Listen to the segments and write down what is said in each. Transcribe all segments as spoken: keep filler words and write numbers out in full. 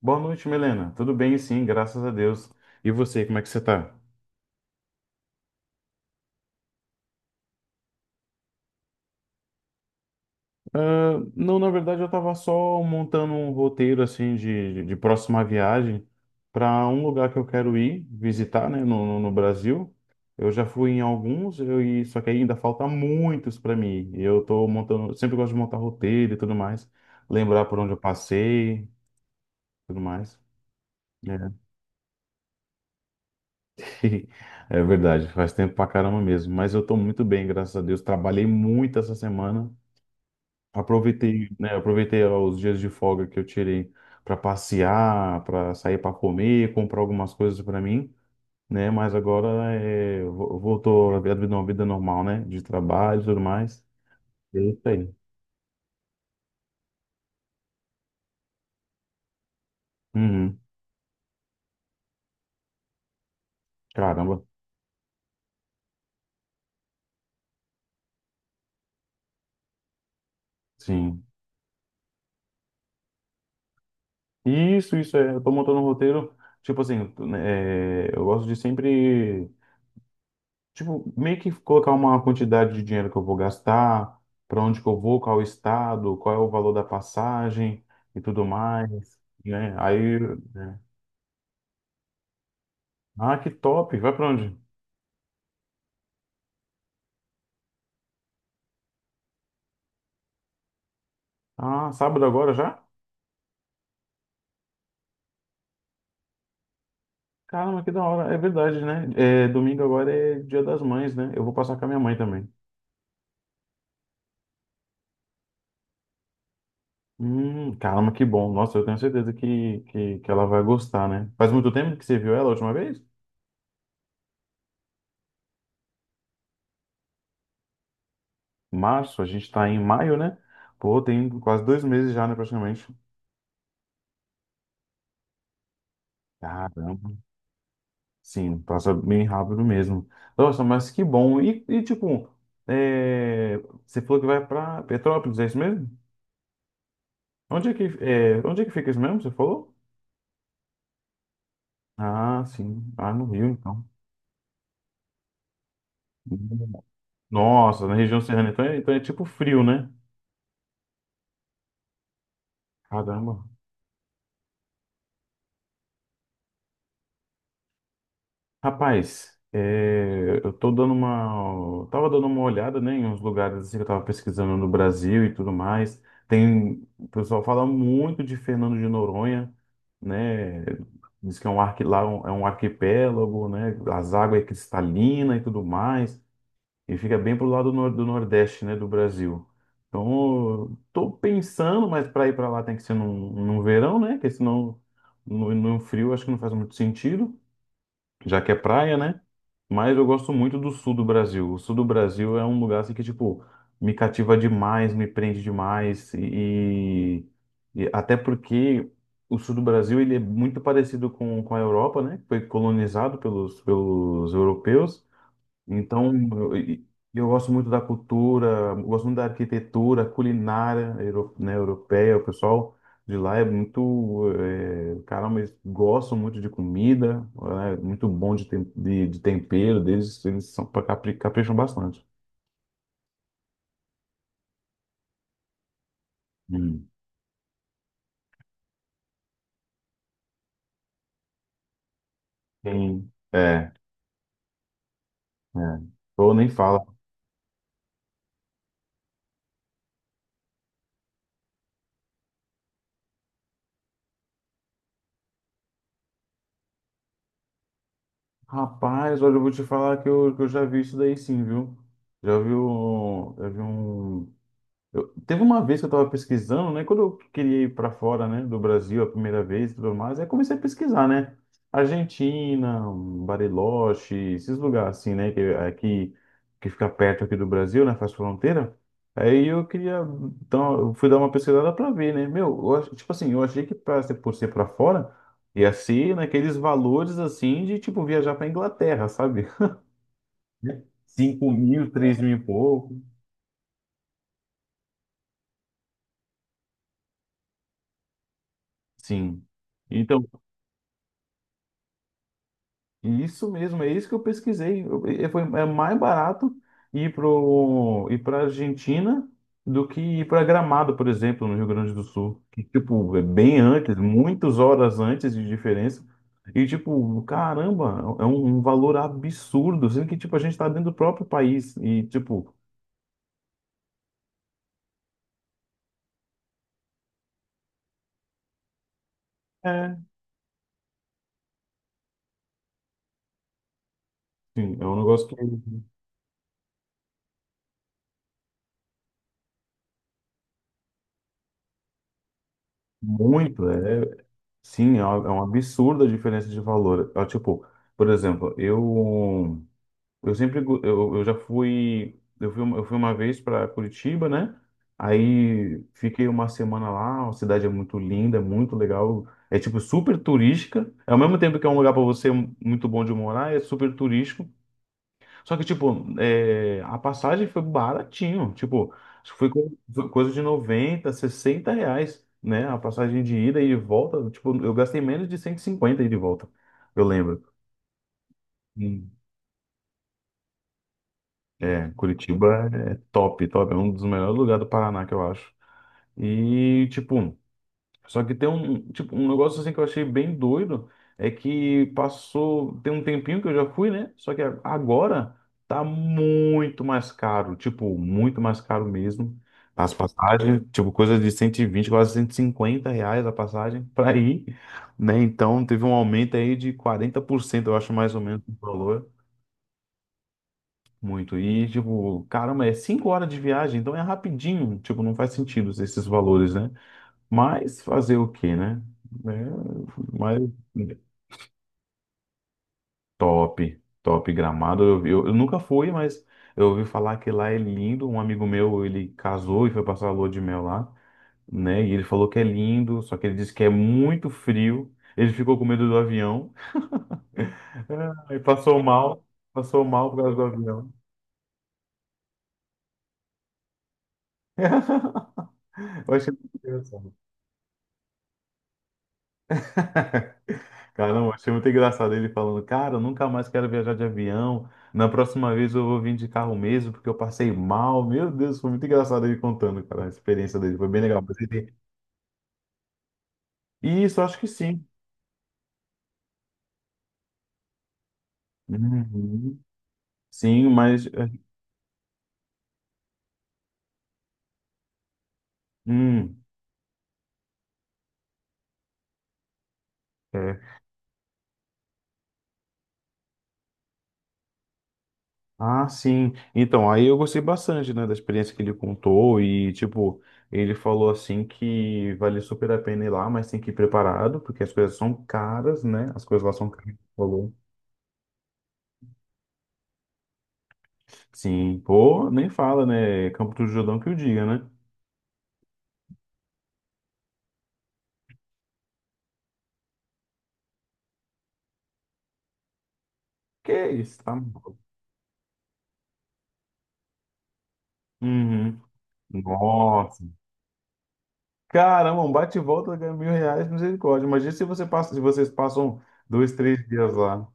Boa noite, Milena. Tudo bem, sim, graças a Deus. E você, como é que você tá? Ah, Não, na verdade, eu tava só montando um roteiro, assim, de, de próxima viagem para um lugar que eu quero ir visitar, né, no, no, no Brasil. Eu já fui em alguns, eu, e, só que ainda falta muitos para mim. E eu tô montando, sempre gosto de montar roteiro e tudo mais, lembrar por onde eu passei, tudo mais. É, é verdade, faz tempo pra caramba mesmo. Mas eu tô muito bem, graças a Deus. Trabalhei muito essa semana. Aproveitei, né, aproveitei os dias de folga que eu tirei para passear, para sair para comer, comprar algumas coisas para mim, né? Mas agora é, vo- voltou a vida, uma vida normal, né? De trabalho e tudo mais. É isso aí. Uhum. Caramba, sim. Isso, isso é. Eu tô montando um roteiro, tipo assim, né, é, eu gosto de sempre. Tipo, meio que colocar uma quantidade de dinheiro que eu vou gastar, para onde que eu vou, qual estado, qual é o valor da passagem e tudo mais, né? Aí, né? Ah, que top! Vai para onde? Ah, sábado agora já? Caramba, que da hora! É verdade, né? É, domingo agora é Dia das Mães, né? Eu vou passar com a minha mãe também. Hum, caramba, que bom! Nossa, eu tenho certeza que, que, que ela vai gostar, né? Faz muito tempo que você viu ela a última vez? Março, a gente tá em maio, né? Pô, tem quase dois meses já, né, praticamente. Caramba. Sim, passa bem rápido mesmo. Nossa, mas que bom. E, e, tipo, é, você falou que vai para Petrópolis, é isso mesmo? Onde é que, é, onde é que fica isso mesmo? Você falou? Ah, sim. Ah, no Rio, então. Nossa, na região serrana, então é, então é tipo frio, né? Caramba. Rapaz, é, eu tô dando uma, tava dando uma olhada, né, em uns lugares assim que eu tava pesquisando no Brasil e tudo mais. Tem, o pessoal fala muito de Fernando de Noronha, né? Diz que é um arqui, lá é um é um arquipélago, né? As águas é cristalina e tudo mais. E fica bem pro lado nor- do Nordeste, né, do Brasil. Então, eu tô pensando, mas para ir para lá tem que ser num, num verão, né? Porque senão no, no frio acho que não faz muito sentido já que é praia, né? Mas eu gosto muito do sul do Brasil. O sul do Brasil é um lugar assim que, tipo, me cativa demais, me prende demais. E, e até porque o sul do Brasil ele é muito parecido com, com a Europa, né? Foi colonizado pelos, pelos europeus. Então, eu, e- eu gosto muito da cultura, gosto muito da arquitetura, culinária, euro, né, europeia. O pessoal de lá é muito, é, caramba, eles gostam muito de comida, é muito bom de, tem- de, de tempero deles, eles são, capri- capricham bastante. Hum. Tem, é, é. Ou nem fala. Rapaz, olha, eu vou te falar que eu, que eu já vi isso daí sim, viu? Já vi, um, já vi um Eu, teve uma vez que eu estava pesquisando, né? Quando eu queria ir para fora, né, do Brasil a primeira vez e tudo mais, aí comecei a pesquisar, né? Argentina, Bariloche, esses lugares assim, né? Que, aqui, que fica perto aqui do Brasil, né? Faz fronteira. Aí eu queria, então, eu fui dar uma pesquisada para ver, né? Meu, eu ach- tipo assim, eu achei que pra, ser- por ser para fora, ia ser naqueles valores assim de, tipo, viajar para Inglaterra, sabe? cinco mil, três mil e pouco. Sim. Então, e isso mesmo, é isso que eu pesquisei. Eu- é- foi, é mais barato ir pro, ir para Argentina do que ir para Gramado, por exemplo, no Rio Grande do Sul. Que, tipo, é bem antes, muitas horas antes de diferença. E, tipo, caramba, é um, um valor absurdo, sendo que, tipo, a gente tá dentro do próprio país. E, tipo, é, sim, é um negócio que muito, é, sim, é um é um absurdo a diferença de valor. É, tipo, por exemplo, eu. Eu sempre, go- eu, eu já fui, eu fui, uma- eu fui uma vez para Curitiba, né? Aí fiquei uma semana lá, a cidade é muito linda, é muito legal, é tipo super turística. Ao mesmo tempo que é um lugar para você muito bom de morar, é super turístico. Só que tipo, é, a passagem foi baratinho, tipo, acho que foi co- foi coisa de noventa, sessenta reais, né? A passagem de ida e de volta, tipo, eu gastei menos de cento e cinquenta ida e de volta, eu lembro. É, Curitiba é top, top. É um dos melhores lugares do Paraná, que eu acho. E, tipo, só que tem um, tipo, um negócio assim que eu achei bem doido, é que passou, tem um tempinho que eu já fui, né? Só que a- agora tá muito mais caro, tipo, muito mais caro mesmo. As passagens, tipo, coisa de cento e vinte quase cento e cinquenta reais a passagem pra ir, né? Então teve um aumento aí de quarenta por cento eu acho mais ou menos o valor. Muito. E, tipo, caramba, é cinco horas de viagem, então é rapidinho. Tipo, não faz sentido esses valores, né? Mas fazer o quê, né? É, mas top, top Gramado. Eu, eu, eu nunca fui, mas eu ouvi falar que lá é lindo. Um amigo meu, ele casou e foi passar a lua de mel lá, né? E ele falou que é lindo, só que ele disse que é muito frio. Ele ficou com medo do avião. Aí passou mal, passou mal por causa do avião. Eu achei muito engraçado. Caramba, achei muito engraçado ele falando, cara, eu nunca mais quero viajar de avião. Na próxima vez eu vou vir de carro mesmo, porque eu passei mal. Meu Deus, foi muito engraçado ele contando, cara, a experiência dele. Foi bem legal. Mas ele- Isso, acho que sim. Uhum. Sim, mas. é, hum, é. Ah, sim. Então, aí eu gostei bastante, né, da experiência que ele contou. E, tipo, ele falou assim que vale super a pena ir lá, mas tem que ir preparado, porque as coisas são caras, né? As coisas lá são caras, ele falou. Sim, pô, nem fala, né? Campo do Jordão que o diga, né? Que isso, tá maluco. Uhum. Nossa. Caramba, um bate e volta ganha mil reais, misericórdia. Imagina se você passa, se vocês passam dois, três dias lá.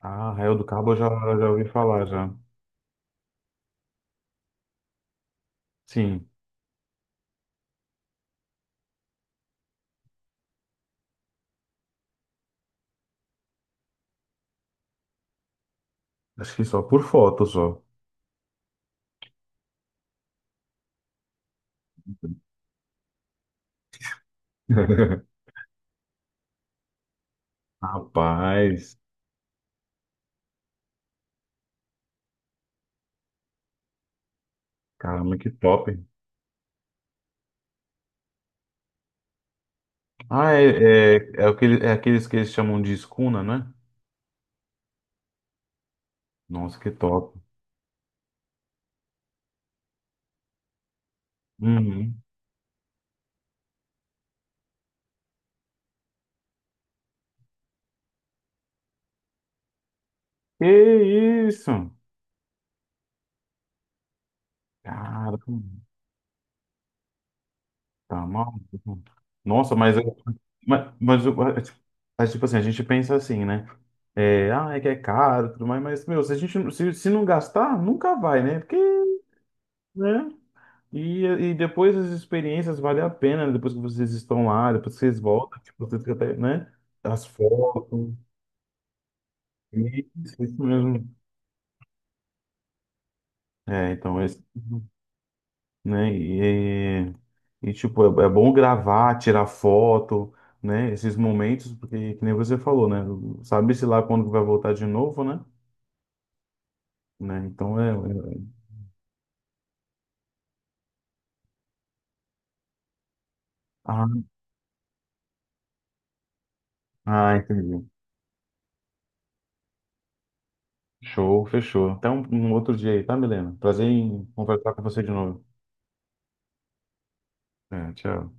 Ah, Arraial do Cabo eu já, já ouvi falar, já. Sim, acho que só por foto, só. Rapaz, caramba, que top. Ah, é, é, é, aquele, é aqueles que eles chamam de escuna, né? Nossa, que top. Uhum. Que isso? Cara, tá maluco. Nossa, mas, eu- mas, mas, eu- mas, tipo assim, a gente pensa assim, né? É, ah, é que é caro e tudo mais, mas, meu, se a gente não- se, se não gastar, nunca vai, né? Porque, né? E, e depois as experiências valem a pena, né? Depois que vocês estão lá, depois que vocês voltam, tipo, vocês fica até, né? As fotos, isso, isso mesmo. É, então, esse, né? E, e, tipo, é, é bom gravar, tirar foto, né? Esses momentos, porque, que nem você falou, né? Sabe-se lá quando vai voltar de novo, né? Né? Então é. é- Ah, ah, entendi. Show, fechou. Até um, um outro dia aí, tá, Milena? Prazer em conversar com você de novo. É, tchau.